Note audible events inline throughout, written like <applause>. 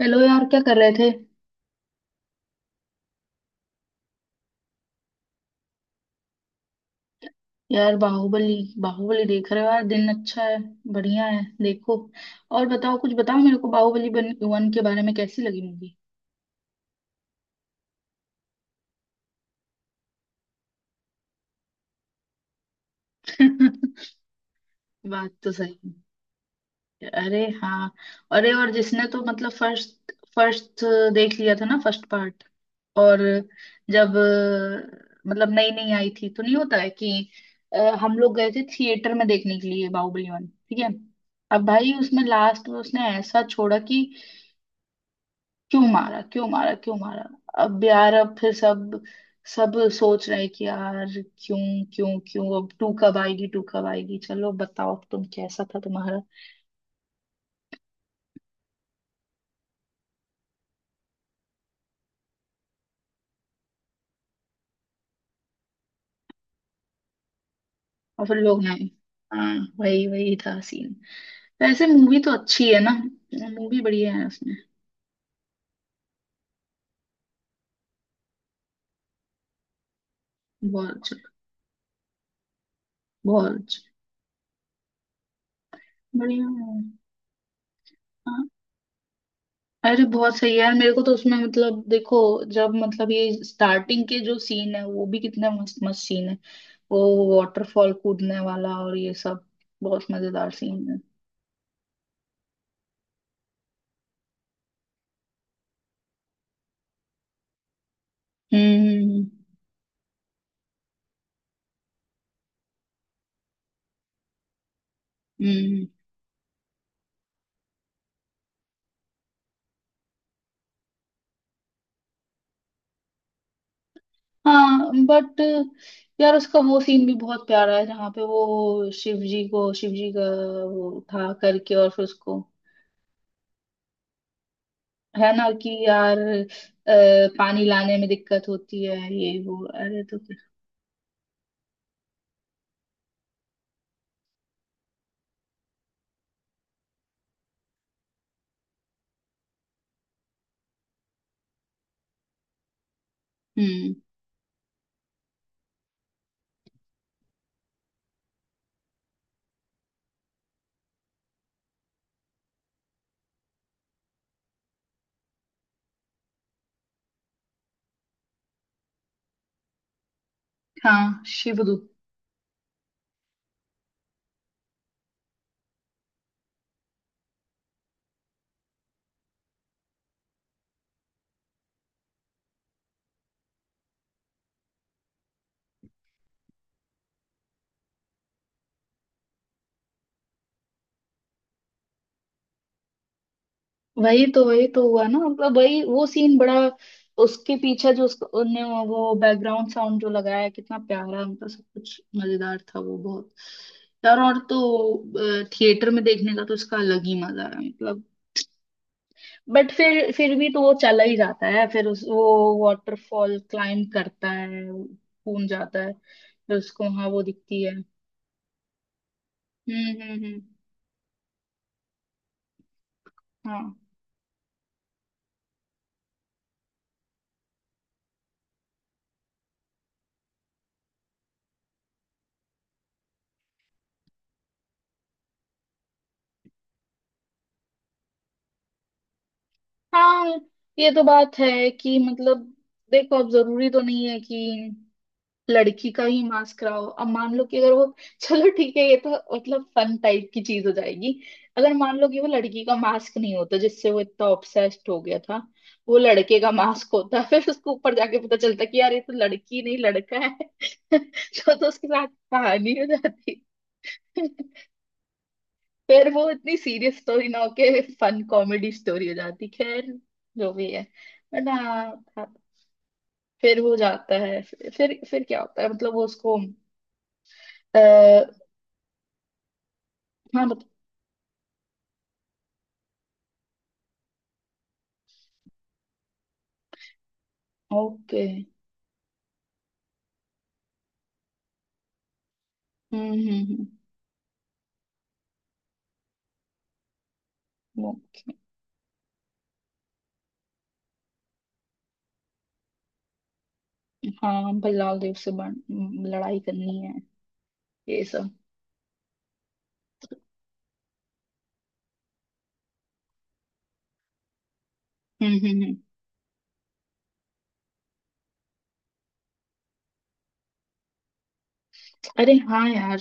Hello यार, क्या कर रहे थे? यार बाहुबली? बाहुबली देख रहे हो? यार दिन अच्छा है। बढ़िया है, देखो। और बताओ, कुछ बताओ मेरे को बाहुबली वन के बारे में, कैसी लगी मूवी? <laughs> बात तो सही है। अरे हाँ। अरे और जिसने तो मतलब फर्स्ट फर्स्ट देख लिया था ना फर्स्ट पार्ट और, जब मतलब नई नई आई थी तो, नहीं होता है कि हम लोग गए थे थिएटर में देखने के लिए बाहुबली वन, ठीक है। अब भाई उसमें लास्ट में उसने ऐसा छोड़ा कि क्यों मारा, क्यों मारा, क्यों मारा। अब यार अब फिर सब सब सोच रहे कि यार क्यों, क्यों, क्यों। अब टू कब आएगी, टू कब आएगी? चलो बताओ, अब तुम कैसा था तुम्हारा। और फिर लोग आए। हाँ, वही वही था सीन। वैसे मूवी तो अच्छी है ना, मूवी बढ़िया है उसमें। बहुत अच्छा। बहुत अच्छा। बढ़िया है। हाँ। अरे बहुत सही है यार, मेरे को तो उसमें मतलब देखो, जब मतलब ये स्टार्टिंग के जो सीन है वो भी कितना मस्त मस्त सीन है। वो वाटरफॉल कूदने वाला और ये सब, बहुत मजेदार सीन है। हम्म, हम्म, हम्म। हम्म, हम्म। हाँ बट यार, उसका वो सीन भी बहुत प्यारा है जहाँ पे वो शिव जी को, शिव जी का वो उठा करके और फिर उसको, है ना कि यार पानी लाने में दिक्कत होती है, ये वो, अरे तो फिर-। हम्म। हाँ, शिवदूत। वही तो, वही तो हुआ ना मतलब वही वो सीन बड़ा, उसके पीछे जो उसको उनने वो बैकग्राउंड साउंड जो लगाया कितना प्यारा, मतलब सब कुछ मजेदार था वो बहुत। यार और तो थिएटर में देखने का तो इसका अलग ही मजा है मतलब। बट फिर भी तो वो चला ही जाता है, फिर उस वो वाटरफॉल क्लाइम करता है, कूद जाता है, फिर उसको वहां वो दिखती है। हम्म, हम्म, हम्म। हाँ। हाँ, ये तो बात है कि मतलब, देखो अब जरूरी तो नहीं है कि लड़की का ही मास्क कराओ, अब मान लो कि अगर वो, चलो ठीक है ये तो, मतलब फन टाइप की चीज हो जाएगी। अगर मान लो कि वो लड़की का मास्क नहीं होता जिससे वो इतना ऑब्सेस्ड हो गया था, वो लड़के का मास्क होता <laughs> फिर उसको ऊपर जाके पता चलता कि यार ये तो लड़की नहीं लड़का है <laughs> तो उसके साथ कहानी हो जाती। <laughs> फिर वो इतनी सीरियस स्टोरी ना होके फन कॉमेडी स्टोरी हो जाती। खैर जो भी है। बट हाँ, था-। फिर वो जाता है, फिर क्या होता है मतलब वो उसको, हाँ बत। ओके। हम्म, हम्म, हम्म। वो, हाँ, भल्लाल देव से बन- लड़ाई करनी है, ये सब। हम्म, हम्म, अरे हाँ यार,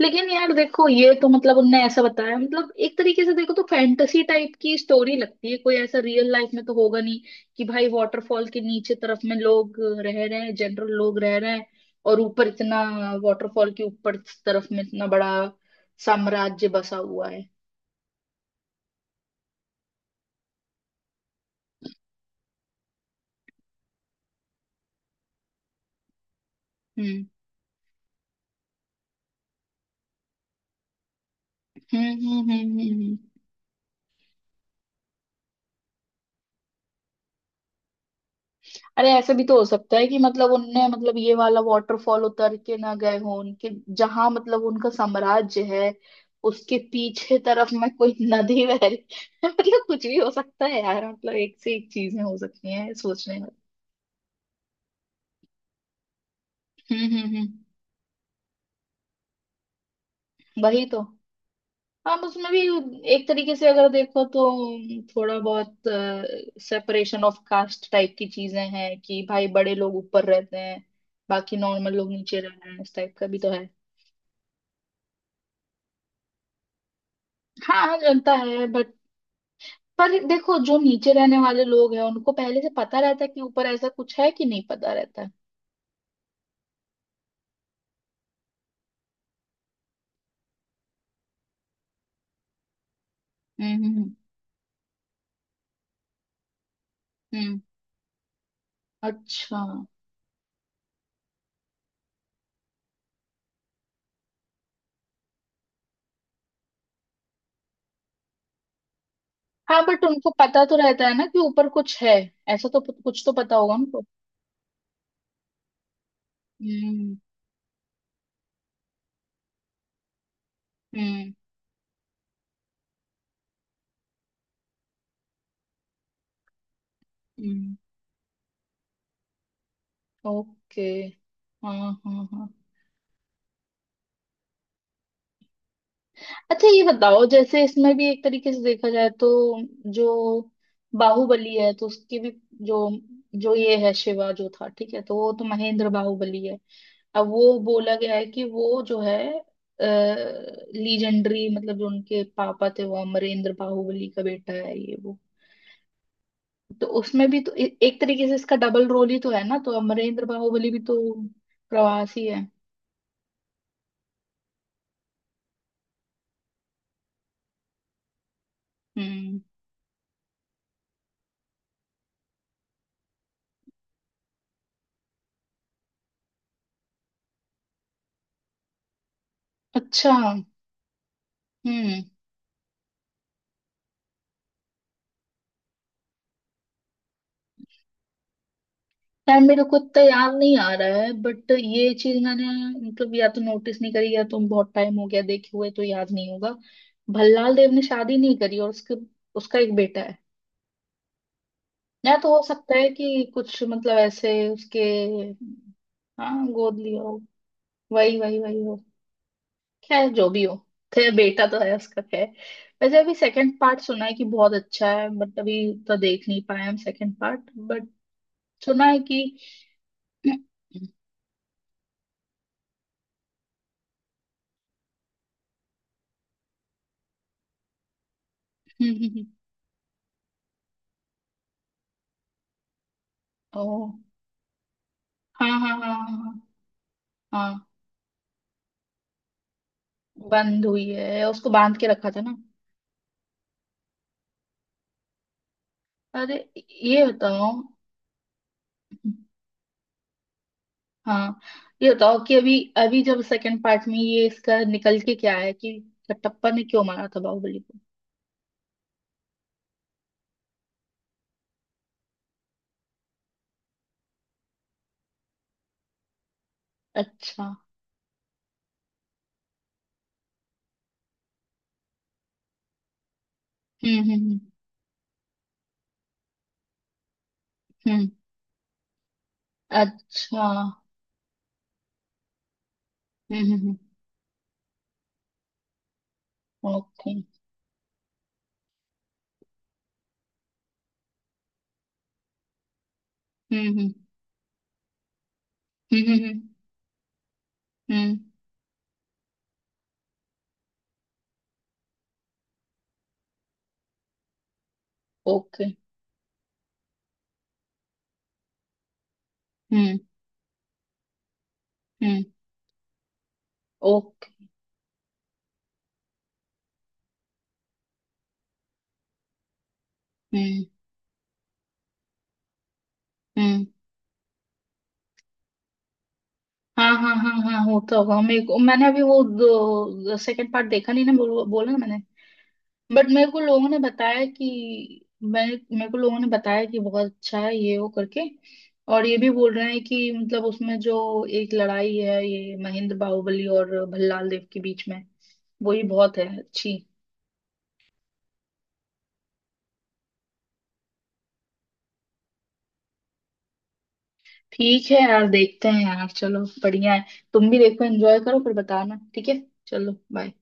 लेकिन यार देखो ये तो मतलब उनने ऐसा बताया, मतलब एक तरीके से देखो तो फैंटेसी टाइप की स्टोरी लगती है, कोई ऐसा रियल लाइफ में तो होगा नहीं कि भाई वाटरफॉल के नीचे तरफ में लोग रह रहे हैं, जनरल लोग रह रहे हैं, और ऊपर इतना, वाटरफॉल के ऊपर तरफ में इतना बड़ा साम्राज्य बसा हुआ है। हम्म, हम्म, हम्म, हम्म, हम्म, अरे, ऐसे भी तो हो सकता है कि मतलब उनने मतलब ये वाला वाटरफॉल उतर के ना गए हो, उनके जहां मतलब उनका साम्राज्य है उसके पीछे तरफ में कोई नदी बह रही <laughs> मतलब कुछ भी हो सकता है यार, मतलब एक से एक चीजें हो सकती हैं सोचने में। हम्म, हम्म, हम्म। वही तो, हम उसमें भी एक तरीके से अगर देखो तो थोड़ा बहुत सेपरेशन ऑफ कास्ट टाइप की चीजें हैं कि भाई बड़े लोग ऊपर रहते हैं, बाकी नॉर्मल लोग नीचे रहते हैं, इस टाइप का भी तो है। हाँ। हाँ, जनता है। पर देखो जो नीचे रहने वाले लोग हैं उनको पहले से पता रहता है कि ऊपर ऐसा कुछ है, कि नहीं पता रहता है? हम्म, हम्म, हम्म। अच्छा। हाँ बट उनको पता तो रहता है ना कि ऊपर कुछ है, ऐसा तो प- कुछ तो पता होगा उनको। हम्म, हम्म, हम्म। ओके। हाँ, हाँ, हाँ। अच्छा ये बताओ, जैसे इसमें भी एक तरीके से देखा जाए तो जो बाहुबली है तो उसकी भी जो जो ये है शिवा जो था, ठीक है, तो वो तो महेंद्र बाहुबली है। अब वो बोला गया है कि वो जो है लीजेंडरी मतलब जो उनके पापा थे वो अमरेंद्र बाहुबली का बेटा है ये वो। तो उसमें भी तो एक तरीके से इसका डबल रोल ही तो है ना, तो अमरेंद्र बाहुबली भी तो प्रवासी है। हम्म। अच्छा। हम्म। यार मेरे को इतना याद नहीं आ रहा है बट ये चीज मैंने मतलब या तो नोटिस नहीं करी या तो बहुत टाइम हो गया देखे हुए, तो याद नहीं होगा। भल्लाल देव ने शादी नहीं करी और उसके, उसका एक बेटा है? या तो हो सकता है कि कुछ मतलब ऐसे उसके, हाँ गोद लिया हो, वही, वही, वही हो। खैर जो भी हो, खैर बेटा तो है उसका, खैर। वैसे अभी सेकंड पार्ट सुना है कि बहुत अच्छा है, बट अभी तो देख नहीं पाए हम सेकंड पार्ट, बट सुना है कि <clears throat> हम्म। ओ, हाँ, हाँ, हाँ, हाँ, हाँ। हाँ, बंद हुई है, उसको बांध के रखा था ना। अरे, ये बताओ। हाँ ये बताओ कि अभी अभी जब सेकंड पार्ट में ये इसका निकल के क्या है कि कटप्पा ने क्यों मारा था बाहुबली को? अच्छा। हम्म, हम्म, हम्म। हम्म। अच्छा। हम्म, हम्म। ओके, हम्म। Okay। हम्म, हम्म, हम्म, हम्म। ओके, हम्म। Okay। हम्म। ओके। हम्म, हम्म। हाँ, हाँ, हाँ, हाँ, होता होगा, मेरे को, मैंने अभी वो सेकंड पार्ट देखा नहीं ना, बोला ना मैंने। बट मेरे को लोगों ने बताया कि मैं, मेरे को लोगों ने बताया कि बहुत अच्छा है ये वो करके। और ये भी बोल रहे हैं कि मतलब उसमें जो एक लड़ाई है ये महेंद्र बाहुबली और भल्लाल देव के बीच में, वही बहुत है अच्छी। ठीक है यार, देखते हैं यार, चलो बढ़िया है। तुम भी देखो, एंजॉय करो, फिर बताना ठीक है। चलो बाय।